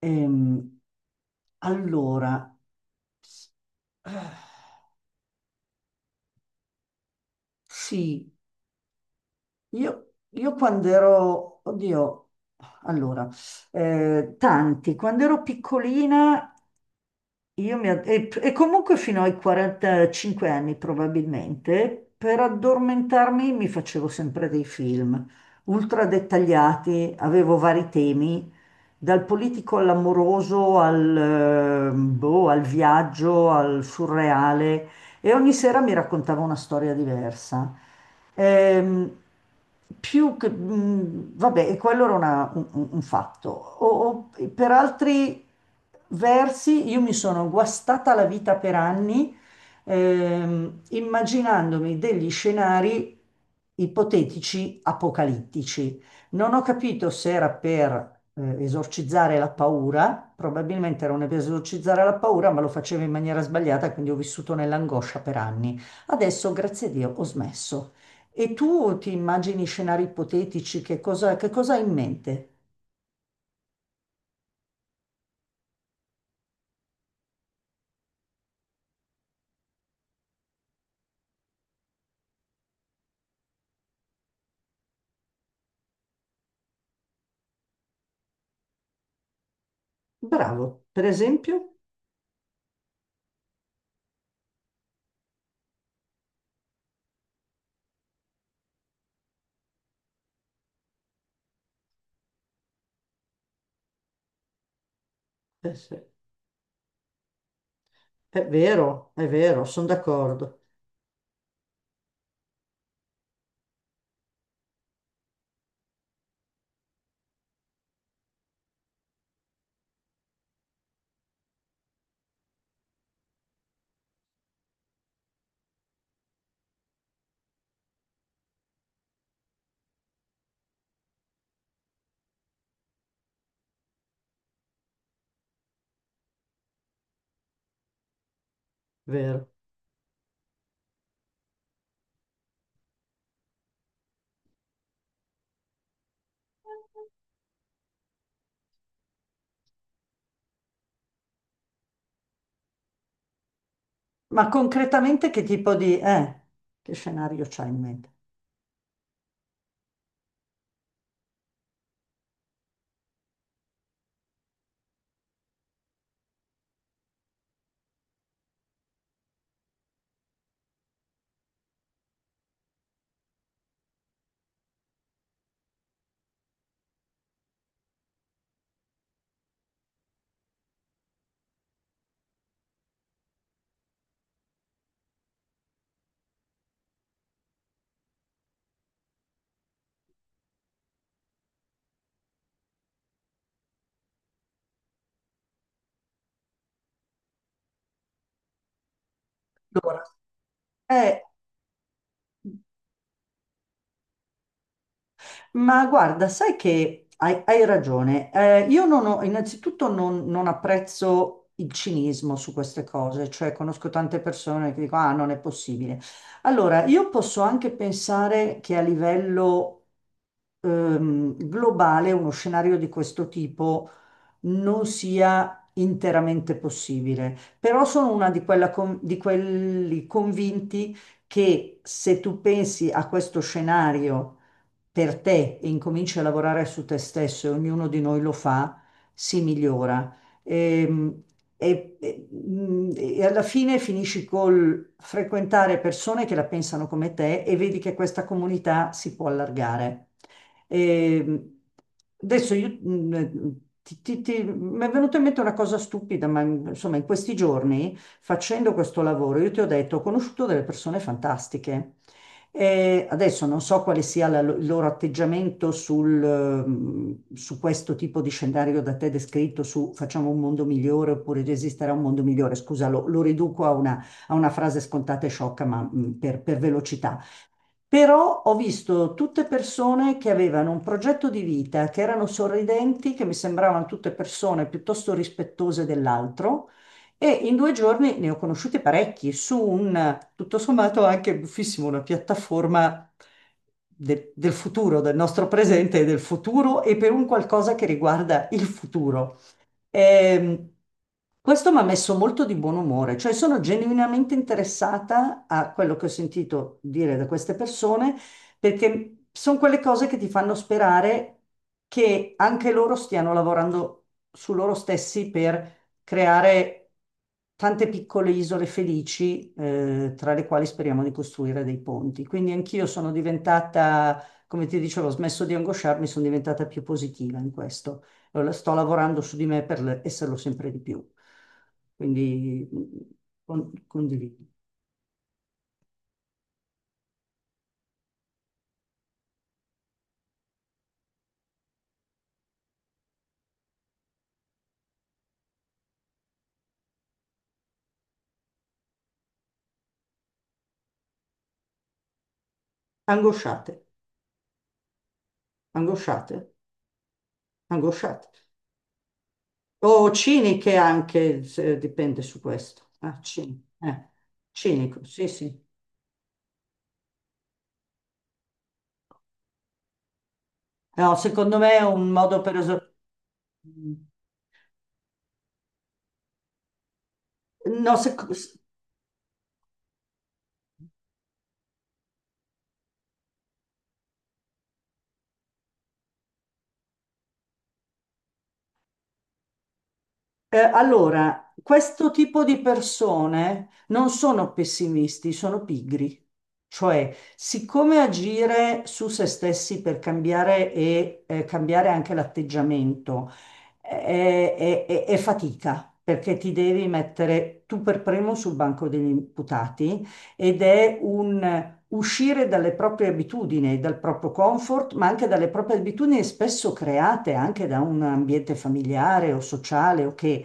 Ehm, allora, s- eh, sì, io quando ero, oddio, allora, quando ero piccolina, e comunque fino ai 45 anni probabilmente, per addormentarmi mi facevo sempre dei film ultra dettagliati, avevo vari temi dal politico all'amoroso, boh, al viaggio, al surreale, e ogni sera mi raccontava una storia diversa. Ehm, Più che, vabbè, e quello era un fatto. Per altri versi, io mi sono guastata la vita per anni, immaginandomi degli scenari ipotetici apocalittici. Non ho capito se era per esorcizzare la paura, probabilmente non è per esorcizzare la paura, ma lo facevo in maniera sbagliata, quindi ho vissuto nell'angoscia per anni. Adesso, grazie a Dio, ho smesso. E tu ti immagini scenari ipotetici, che cosa hai in mente? Bravo, per esempio, eh sì, è vero, sono d'accordo, è vero. Ma concretamente che tipo di... che scenario c'hai in mente? Allora, eh, ma guarda, sai che hai ragione. Io non ho, innanzitutto non apprezzo il cinismo su queste cose, cioè conosco tante persone che dicono, ah, non è possibile. Allora, io posso anche pensare che a livello globale uno scenario di questo tipo non sia interamente possibile, però sono una di, quella con- di quelli convinti che se tu pensi a questo scenario per te e incominci a lavorare su te stesso, e ognuno di noi lo fa, si migliora. Ehm, e alla fine finisci col frequentare persone che la pensano come te e vedi che questa comunità si può allargare. E adesso io, mi è venuta in mente una cosa stupida, ma insomma in questi giorni facendo questo lavoro io ti ho detto ho conosciuto delle persone fantastiche. E adesso non so quale sia il loro atteggiamento sul, su questo tipo di scenario da te descritto, su facciamo un mondo migliore oppure esisterà un mondo migliore. Scusa, lo riduco a una frase scontata e sciocca, ma per velocità. Però ho visto tutte persone che avevano un progetto di vita, che erano sorridenti, che mi sembravano tutte persone piuttosto rispettose dell'altro e in 2 giorni ne ho conosciuti parecchi su un, tutto sommato, anche buffissimo, una piattaforma del futuro, del nostro presente e del futuro e per un qualcosa che riguarda il futuro. Ehm, Questo mi ha messo molto di buon umore, cioè sono genuinamente interessata a quello che ho sentito dire da queste persone, perché sono quelle cose che ti fanno sperare che anche loro stiano lavorando su loro stessi per creare tante piccole isole felici, tra le quali speriamo di costruire dei ponti. Quindi anch'io sono diventata, come ti dicevo, ho smesso di angosciarmi, sono diventata più positiva in questo sto lavorando su di me per esserlo sempre di più. Quindi condivido. Angosciate, angosciate, angosciate. O ciniche anche, dipende su questo. Ah, cinico, sì, sì. No, secondo me è un modo per... es- No, sec- allora, questo tipo di persone non sono pessimisti, sono pigri. Cioè, siccome agire su se stessi per cambiare e cambiare anche l'atteggiamento è fatica, perché ti devi mettere tu per primo sul banco degli imputati ed è un uscire dalle proprie abitudini, dal proprio comfort, ma anche dalle proprie abitudini spesso create anche da un ambiente familiare o sociale o che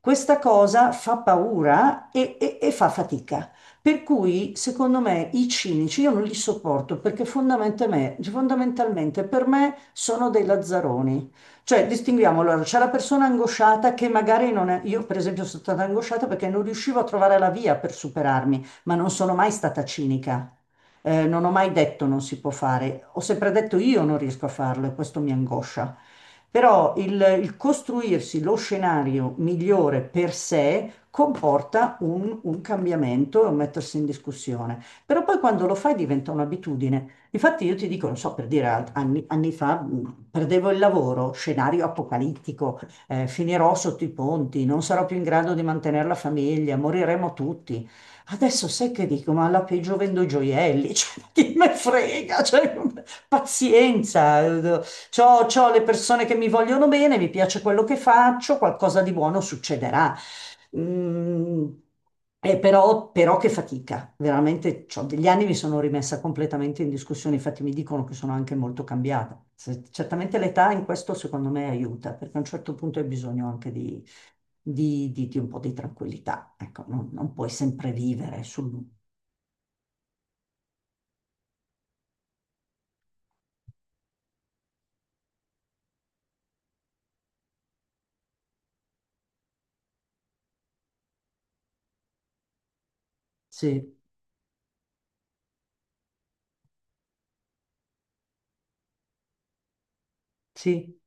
questa cosa fa paura e fa fatica. Per cui, secondo me, i cinici io non li sopporto perché fondamentalmente per me sono dei lazzaroni. Cioè, distinguiamo, allora, c'è la persona angosciata che magari non è... Io, per esempio, sono stata angosciata perché non riuscivo a trovare la via per superarmi ma non sono mai stata cinica. Non ho mai detto non si può fare, ho sempre detto io non riesco a farlo e questo mi angoscia. Però il costruirsi lo scenario migliore per sé comporta un cambiamento e un mettersi in discussione. Però poi quando lo fai diventa un'abitudine. Infatti io ti dico, non so, per dire, anni fa perdevo il lavoro, scenario apocalittico, finirò sotto i ponti, non sarò più in grado di mantenere la famiglia, moriremo tutti. Adesso sai che dico, ma alla peggio vendo gioielli, cioè, ma chi me frega, cioè, pazienza, c'ho le persone che mi vogliono bene, mi piace quello che faccio, qualcosa di buono succederà. Mm, però che fatica, veramente, c'ho degli anni mi sono rimessa completamente in discussione, infatti mi dicono che sono anche molto cambiata. Certamente l'età in questo secondo me aiuta, perché a un certo punto hai bisogno anche di un po' di tranquillità. Ecco, non puoi sempre vivere sul... Sì, sì,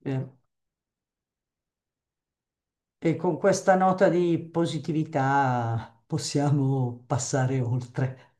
vero. E con questa nota di positività possiamo passare oltre.